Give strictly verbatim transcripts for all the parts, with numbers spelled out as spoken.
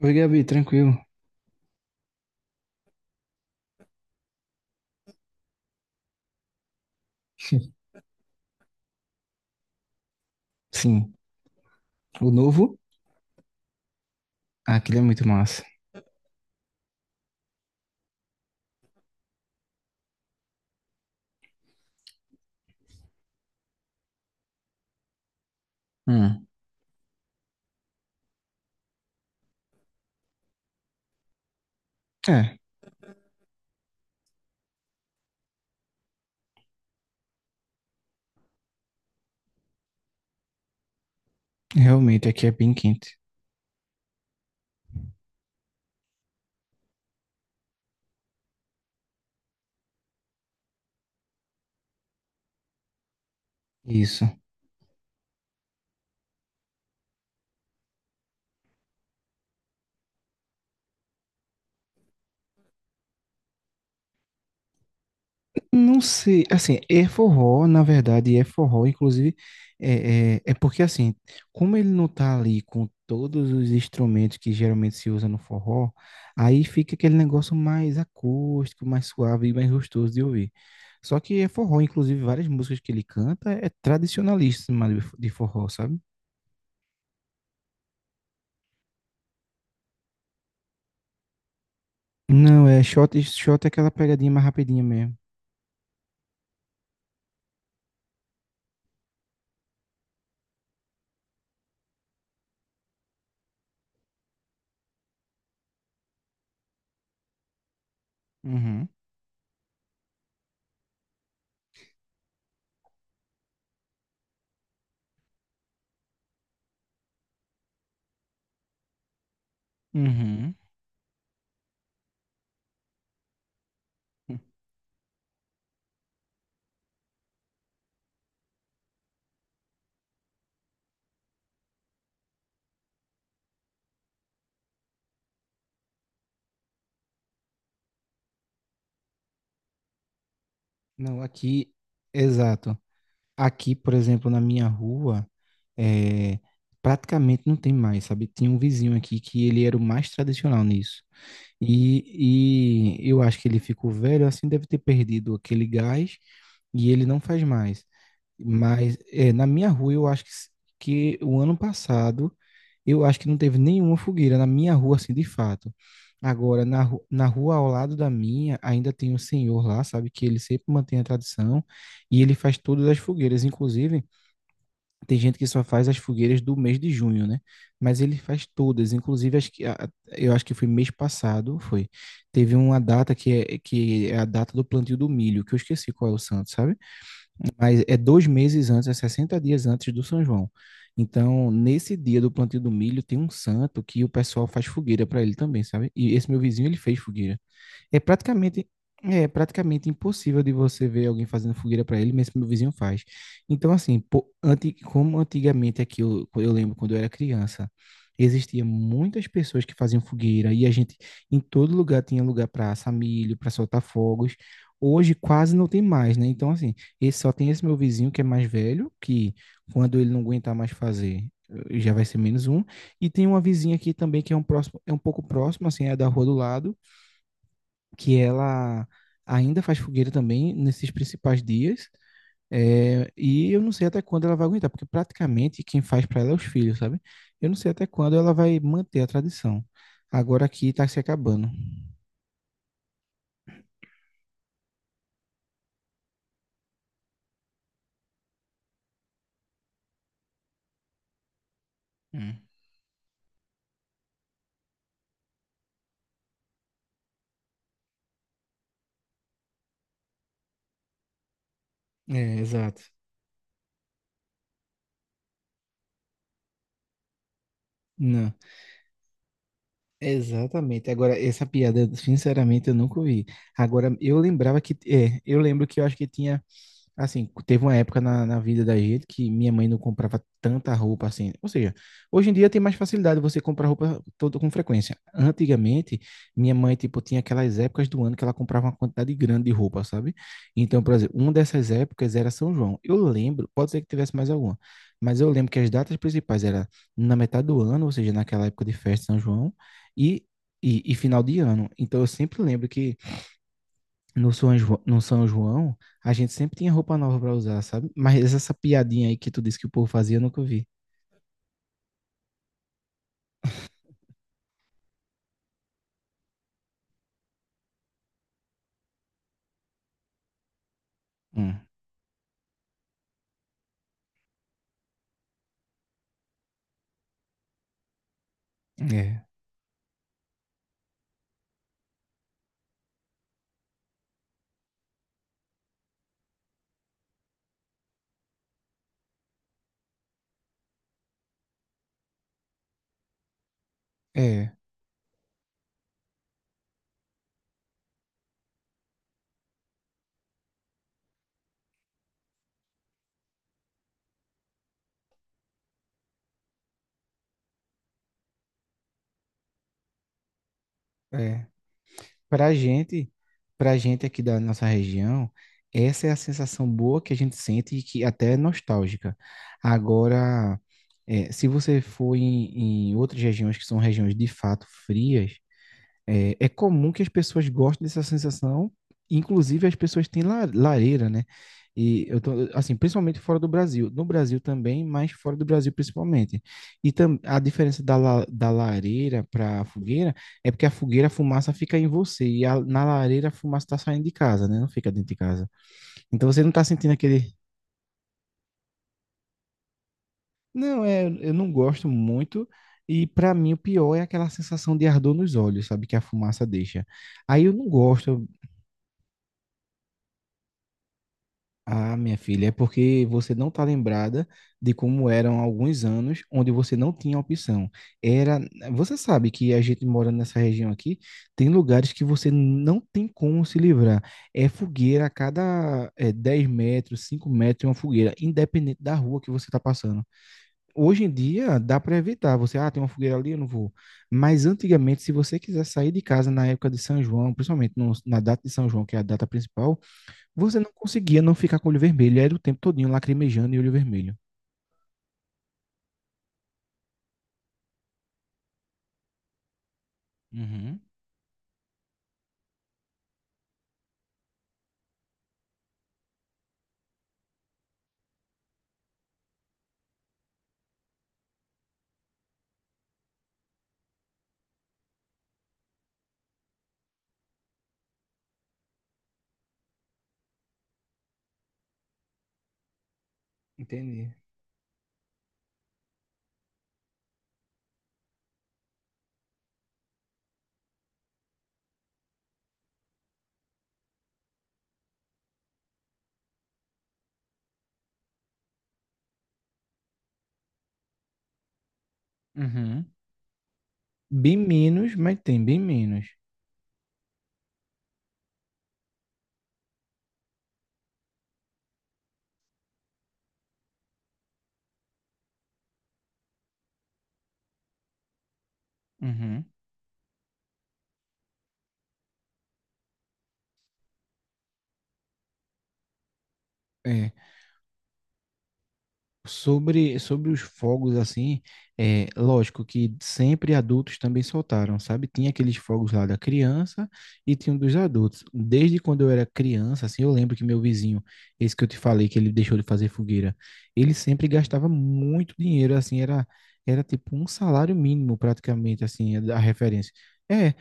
Oi, Gabi, tranquilo. Sim, o novo? Ah, aquele é muito massa. Hum. É, realmente aqui é bem quente. Isso. Não sei, assim, é forró, na verdade, é forró, inclusive, é, é, é porque, assim, como ele não tá ali com todos os instrumentos que geralmente se usa no forró, aí fica aquele negócio mais acústico, mais suave e mais gostoso de ouvir. Só que é forró, inclusive, várias músicas que ele canta é tradicionalíssima de de forró, sabe? Não, é shot. Shot é aquela pegadinha mais rapidinha mesmo. Uhum. Uhum. Não, aqui, exato. Aqui, por exemplo, na minha rua, é, praticamente não tem mais, sabe? Tinha um vizinho aqui que ele era o mais tradicional nisso. E, e eu acho que ele ficou velho, assim, deve ter perdido aquele gás e ele não faz mais. Mas é, na minha rua eu acho que, s- que o ano passado eu acho que não teve nenhuma fogueira na minha rua, assim, de fato. Agora, na, ru- na rua ao lado da minha, ainda tem um senhor lá, sabe, que ele sempre mantém a tradição e ele faz todas as fogueiras. Inclusive, tem gente que só faz as fogueiras do mês de junho, né? Mas ele faz todas, inclusive as que, a- a- eu acho que foi mês passado, foi. Teve uma data que é, que é a data do plantio do milho, que eu esqueci qual é o santo, sabe? Mas é dois meses antes, é sessenta dias antes do São João. Então, nesse dia do plantio do milho, tem um santo que o pessoal faz fogueira para ele também, sabe? E esse meu vizinho, ele fez fogueira. É praticamente, é praticamente impossível de você ver alguém fazendo fogueira para ele, mesmo que meu vizinho faz. Então, assim, po- anti- como antigamente aqui, eu, eu lembro quando eu era criança, existia muitas pessoas que faziam fogueira e a gente, em todo lugar, tinha lugar para assar milho, para soltar fogos. Hoje quase não tem mais, né? Então, assim, esse, só tem esse meu vizinho que é mais velho, que quando ele não aguentar mais fazer, eh, já vai ser menos um. E tem uma vizinha aqui também que é um próximo, é um pouco próximo, assim, é da rua do lado que ela ainda faz fogueira também nesses principais dias. É, e eu não sei até quando ela vai aguentar, porque praticamente quem faz para ela é os filhos, sabe? Eu não sei até quando ela vai manter a tradição. Agora aqui tá se acabando. Hum. É, exato. Não, exatamente. Agora, essa piada, sinceramente, eu nunca ouvi. Agora, eu lembrava que. É, eu lembro que eu acho que tinha. Assim, teve uma época na, na vida da gente que minha mãe não comprava tanta roupa assim. Ou seja, hoje em dia tem mais facilidade você comprar roupa toda com frequência. Antigamente, minha mãe, tipo, tinha aquelas épocas do ano que ela comprava uma quantidade grande de roupa, sabe? Então, por exemplo, uma dessas épocas era São João. Eu lembro, pode ser que tivesse mais alguma, mas eu lembro que as datas principais era na metade do ano, ou seja, naquela época de festa de São João, e, e, e final de ano. Então, eu sempre lembro que no São João, no São João, a gente sempre tinha roupa nova pra usar, sabe? Mas essa piadinha aí que tu disse que o povo fazia, eu nunca vi. Hum. É, é, é. Pra gente, pra gente aqui da nossa região, essa é a sensação boa que a gente sente e que até é nostálgica. Agora, é, se você for em, em, outras regiões que são regiões de fato frias, é, é comum que as pessoas gostem dessa sensação, inclusive as pessoas têm la- lareira, né? E eu tô, assim, principalmente fora do Brasil. No Brasil também, mas fora do Brasil principalmente. E tam, a diferença da, la- da lareira para a fogueira é porque a fogueira, a fumaça fica em você, e a- na lareira a fumaça está saindo de casa, né? Não fica dentro de casa. Então você não está sentindo aquele. Não, é, eu não gosto muito. E para mim o pior é aquela sensação de ardor nos olhos, sabe? Que a fumaça deixa. Aí eu não gosto. Ah, minha filha, é porque você não está lembrada de como eram alguns anos onde você não tinha opção. Era, você sabe que a gente morando nessa região aqui, tem lugares que você não tem como se livrar. É fogueira a cada eh, dez metros, cinco metros, é uma fogueira, independente da rua que você está passando. Hoje em dia, dá para evitar. Você, ah, tem uma fogueira ali, eu não vou. Mas antigamente, se você quiser sair de casa na época de São João, principalmente no- na data de São João, que é a data principal, você não conseguia não ficar com o olho vermelho. Era o tempo todinho lacrimejando e olho vermelho. Uhum. Entendi. Uhum. Bem menos, mas tem bem menos. Uhum. É. Sobre, sobre os fogos, assim, é lógico que sempre adultos também soltaram, sabe? Tinha aqueles fogos lá da criança e tinha um dos adultos. Desde quando eu era criança, assim, eu lembro que meu vizinho, esse que eu te falei, que ele deixou de fazer fogueira, ele sempre gastava muito dinheiro, assim, era, era tipo um salário mínimo praticamente, assim, a a referência. É,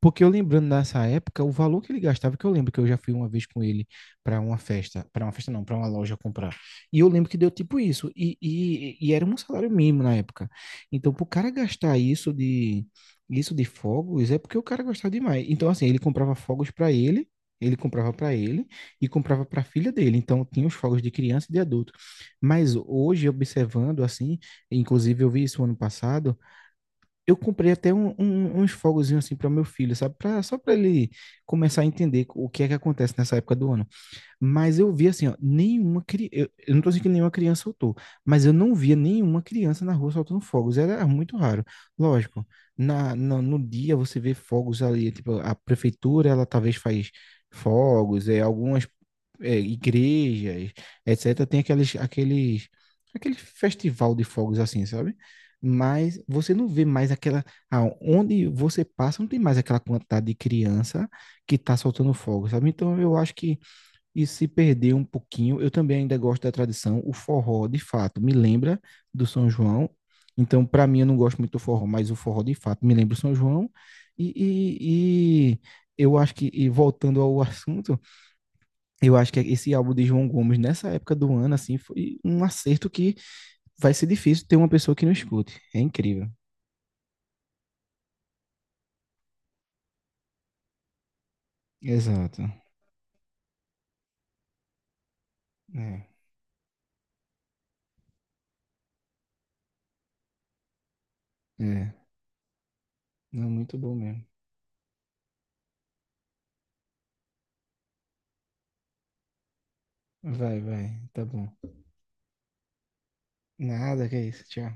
porque eu lembrando nessa época, o valor que ele gastava, que eu lembro que eu já fui uma vez com ele para uma festa, para uma festa não, para uma loja comprar. E eu lembro que deu tipo isso. E, e, e era um salário mínimo na época. Então, pro cara gastar isso de isso de fogos, é porque o cara gostava demais. Então, assim, ele comprava fogos para ele, ele comprava para ele e comprava para a filha dele. Então, tinha os fogos de criança e de adulto. Mas hoje, observando assim, inclusive eu vi isso ano passado, eu comprei até um, um- uns fogozinhos assim para meu filho, sabe? Pra, só para ele começar a entender o que é que acontece nessa época do ano. Mas eu vi assim, ó, nenhuma criança. Eu, eu não tô dizendo que nenhuma criança soltou, mas eu não via nenhuma criança na rua soltando fogos. Era muito raro. Lógico, na, na- no dia você vê fogos ali, tipo, a prefeitura, ela talvez faz fogos, é, algumas é, igrejas, etcétera, tem aqueles, aqueles, aquele festival de fogos assim, sabe? Mas você não vê mais aquela. Ah, onde você passa, não tem mais aquela quantidade de criança que está soltando fogo, sabe? Então eu acho que isso se perdeu um pouquinho. Eu também ainda gosto da tradição. O forró, de fato, me lembra do São João. Então, para mim, eu não gosto muito do forró, mas o forró, de fato, me lembra o São João. E, e, e eu acho que, e voltando ao assunto, eu acho que esse álbum de João Gomes, nessa época do ano, assim, foi um acerto que vai ser difícil ter uma pessoa que não escute. É incrível. Exato. É, é. Não, muito bom mesmo. Vai, vai. Tá bom. Nada, que é isso. Tchau.